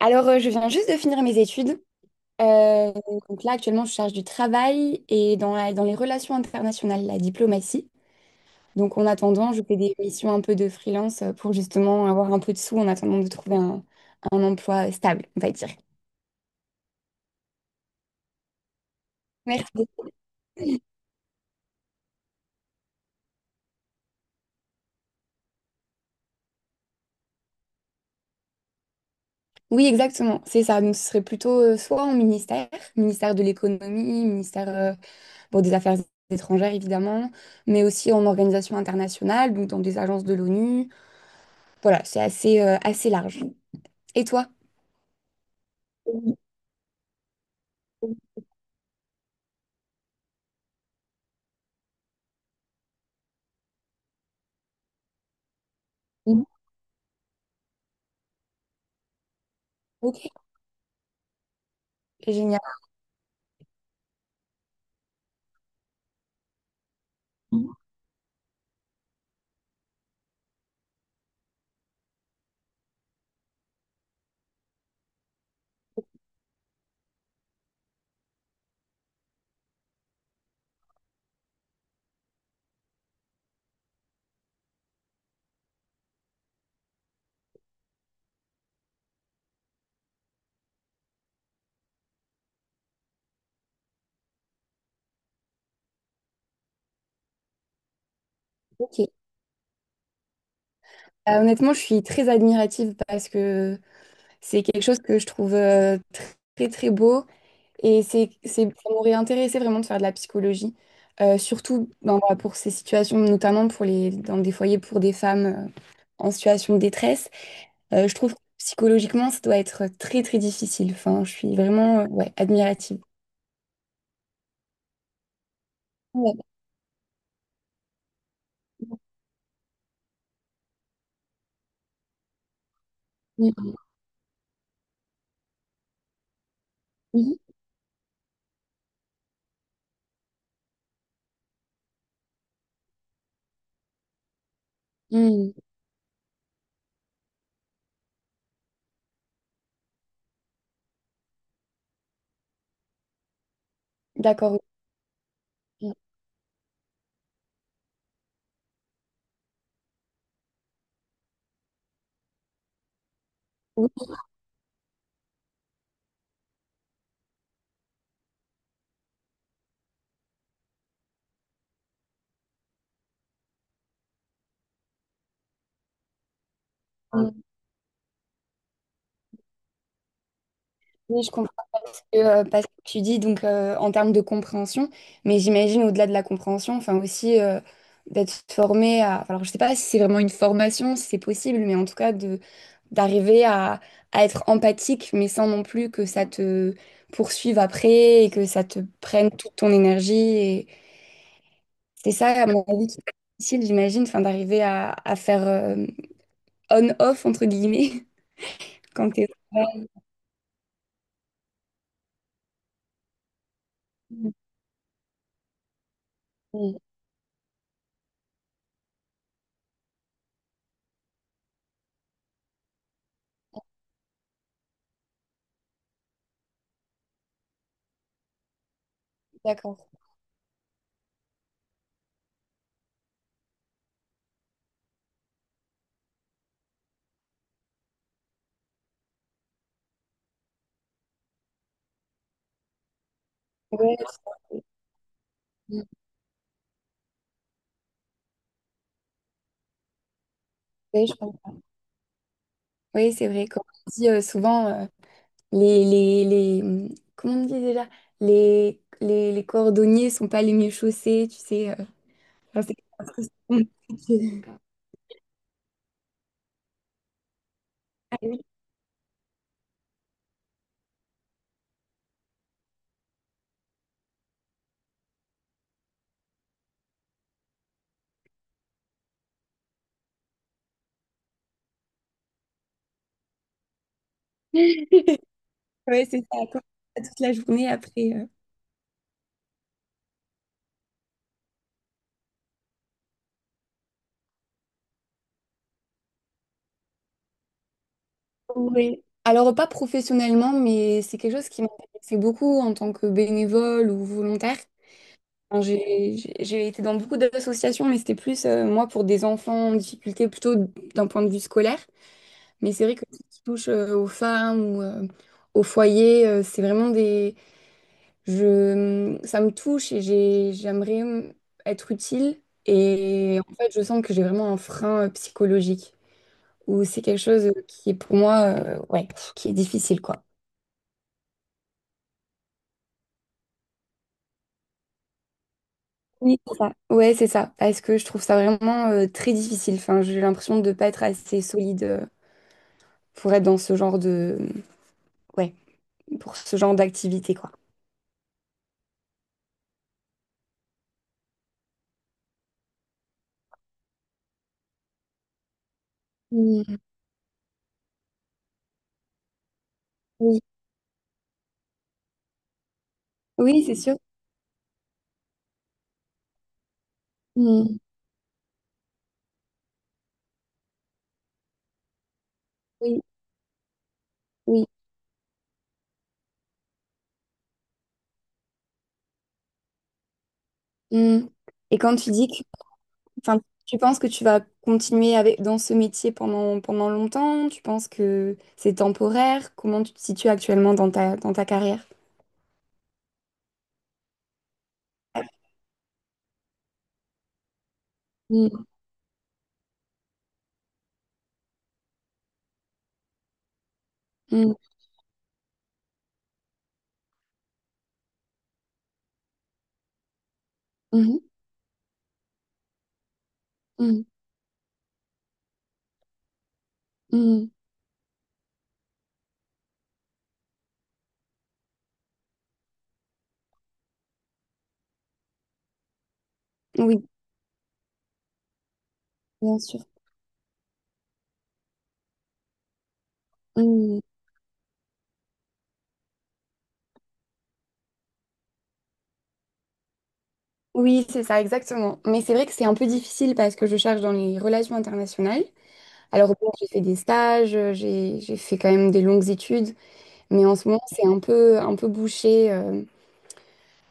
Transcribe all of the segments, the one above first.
Alors, je viens juste de finir mes études. Euh, donc là, actuellement, je charge du travail et dans les relations internationales, la diplomatie. Donc, en attendant, je fais des missions un peu de freelance pour justement avoir un peu de sous en attendant de trouver un emploi stable, on va dire. Merci. Oui, exactement, c'est ça. Donc, ce serait plutôt soit en ministère, ministère de l'économie, ministère bon, des affaires étrangères, évidemment, mais aussi en organisation internationale, donc dans des agences de l'ONU. Voilà, c'est assez large. Et toi? Mhm. Ok, génial. Ok. Honnêtement, je suis très admirative parce que c'est quelque chose que je trouve très très beau, et ça m'aurait intéressé vraiment de faire de la psychologie. Surtout ben, voilà, pour ces situations, notamment pour dans des foyers pour des femmes en situation de détresse. Je trouve que psychologiquement, ça doit être très très difficile. Enfin, je suis vraiment ouais, admirative. Ouais. Mhm. Mhm. D'accord. Oui. Oui, je comprends. Que, parce que tu dis donc en termes de compréhension, mais j'imagine au-delà de la compréhension, enfin aussi d'être formé à. Enfin, alors je sais pas si c'est vraiment une formation, si c'est possible, mais en tout cas de d'arriver à être empathique, mais sans non plus que ça te poursuive après et que ça te prenne toute ton énergie. Et c'est ça, à mon avis, qui est difficile, j'imagine, enfin d'arriver à faire on-off entre guillemets quand t'es. Ouais. D'accord. Ouais, je- Oui, c'est vrai, comme on dit souvent, les, les, les, hum, comment on dit déjà? Les cordonniers sont pas les mieux chaussés, tu sais. Enfin, c'est Ah oui. Ouais, c'est ça, comme ça, toute la journée après. Oui. Alors, pas professionnellement, mais c'est quelque chose qui m'intéressait beaucoup en tant que bénévole ou volontaire. Enfin, j'ai été dans beaucoup d'associations, mais c'était plus, moi, pour des enfants en difficulté, plutôt d'un point de vue scolaire. Mais c'est vrai que tout ce qui touche aux femmes ou au foyer, c'est vraiment des... Ça me touche et j'aimerais être utile. Et en fait, je sens que j'ai vraiment un frein psychologique. Ou c'est quelque chose qui est pour moi, ouais, pff, qui est difficile, quoi. Oui, c'est ça. Ouais, c'est ça. Parce que je trouve ça vraiment très difficile. Enfin, j'ai l'impression de ne pas être assez solide pour être dans ce genre de... Ouais, pour ce genre d'activité, quoi. Mm. Oui, oui, c'est sûr. Mm. Oui, oui. Mm. Et quand tu dis que, enfin, tu penses que tu vas continuer avec, dans ce métier pendant, pendant longtemps, tu penses que c'est temporaire, comment tu te situes actuellement dans dans ta carrière? Mm, mm, mhm, mm, mm. Oui, bien sûr. Mm. Oui, c'est ça, exactement. Mais c'est vrai que c'est un peu difficile parce que je cherche dans les relations internationales. Alors, bon, j'ai fait des stages, j'ai fait quand même des longues études, mais en ce moment, c'est un peu bouché.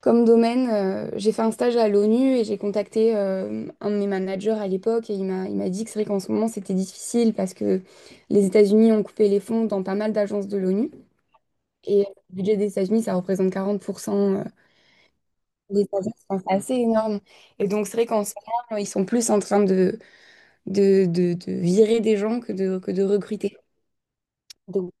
Comme domaine, j'ai fait un stage à l'ONU et j'ai contacté un de mes managers à l'époque et il m'a dit que c'est vrai qu'en ce moment c'était difficile parce que les États-Unis ont coupé les fonds dans pas mal d'agences de l'ONU et le budget des États-Unis ça représente 40% des agences. Enfin, c'est assez énorme. Et donc c'est vrai qu'en ce moment ils sont plus en train de virer des gens que de recruter. Donc,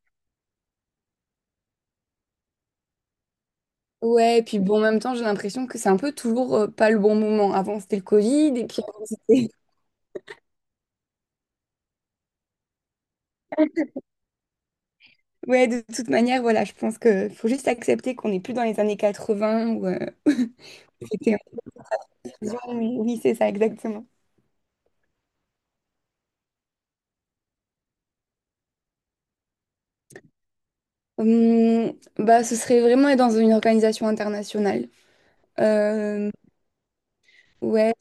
ouais, et puis bon, en même temps j'ai l'impression que c'est un peu toujours pas le bon moment. Avant c'était le Covid et puis avant, c'était. Ouais, de toute manière, voilà, je pense que faut juste accepter qu'on n'est plus dans les années 80 où c'était en mais oui, oui, c'est ça, exactement. Bah, ce serait vraiment être dans une organisation internationale. Euh, ouais,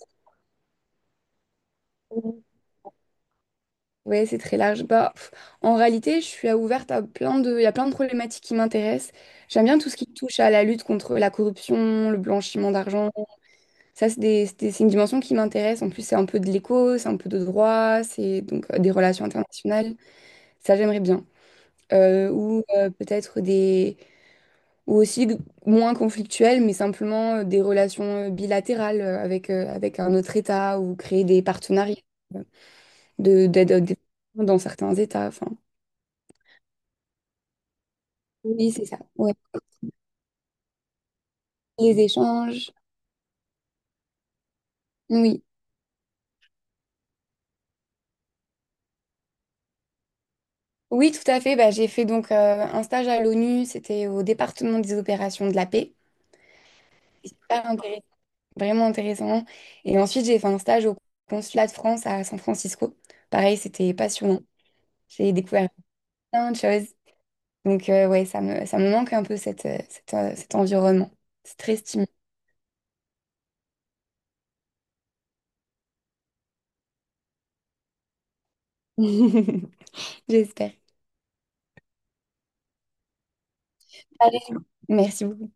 ouais, c'est très large. Bah, pff, en réalité, je suis ouverte à il y a plein de problématiques qui m'intéressent. J'aime bien tout ce qui touche à la lutte contre la corruption, le blanchiment d'argent. Ça, c'est une dimension qui m'intéresse. En plus, c'est un peu de l'éco, c'est un peu de droit, c'est donc des relations internationales. Ça, j'aimerais bien. Ou Peut-être des ou aussi g- moins conflictuelles mais simplement des relations bilatérales avec un autre État ou créer des partenariats euh, de d'aide aux développement dans certains États, enfin oui c'est ça ouais. Les échanges, oui oui tout à fait, bah, j'ai fait donc un stage à l'ONU, c'était au département des opérations de la paix. C'est super intéressant, vraiment intéressant, et ensuite j'ai fait un stage au consulat de France à San Francisco, pareil c'était passionnant, j'ai découvert plein de choses. Donc, ouais, ça me manque un peu cet environnement. C'est très stimulant. J'espère. Allez, merci beaucoup.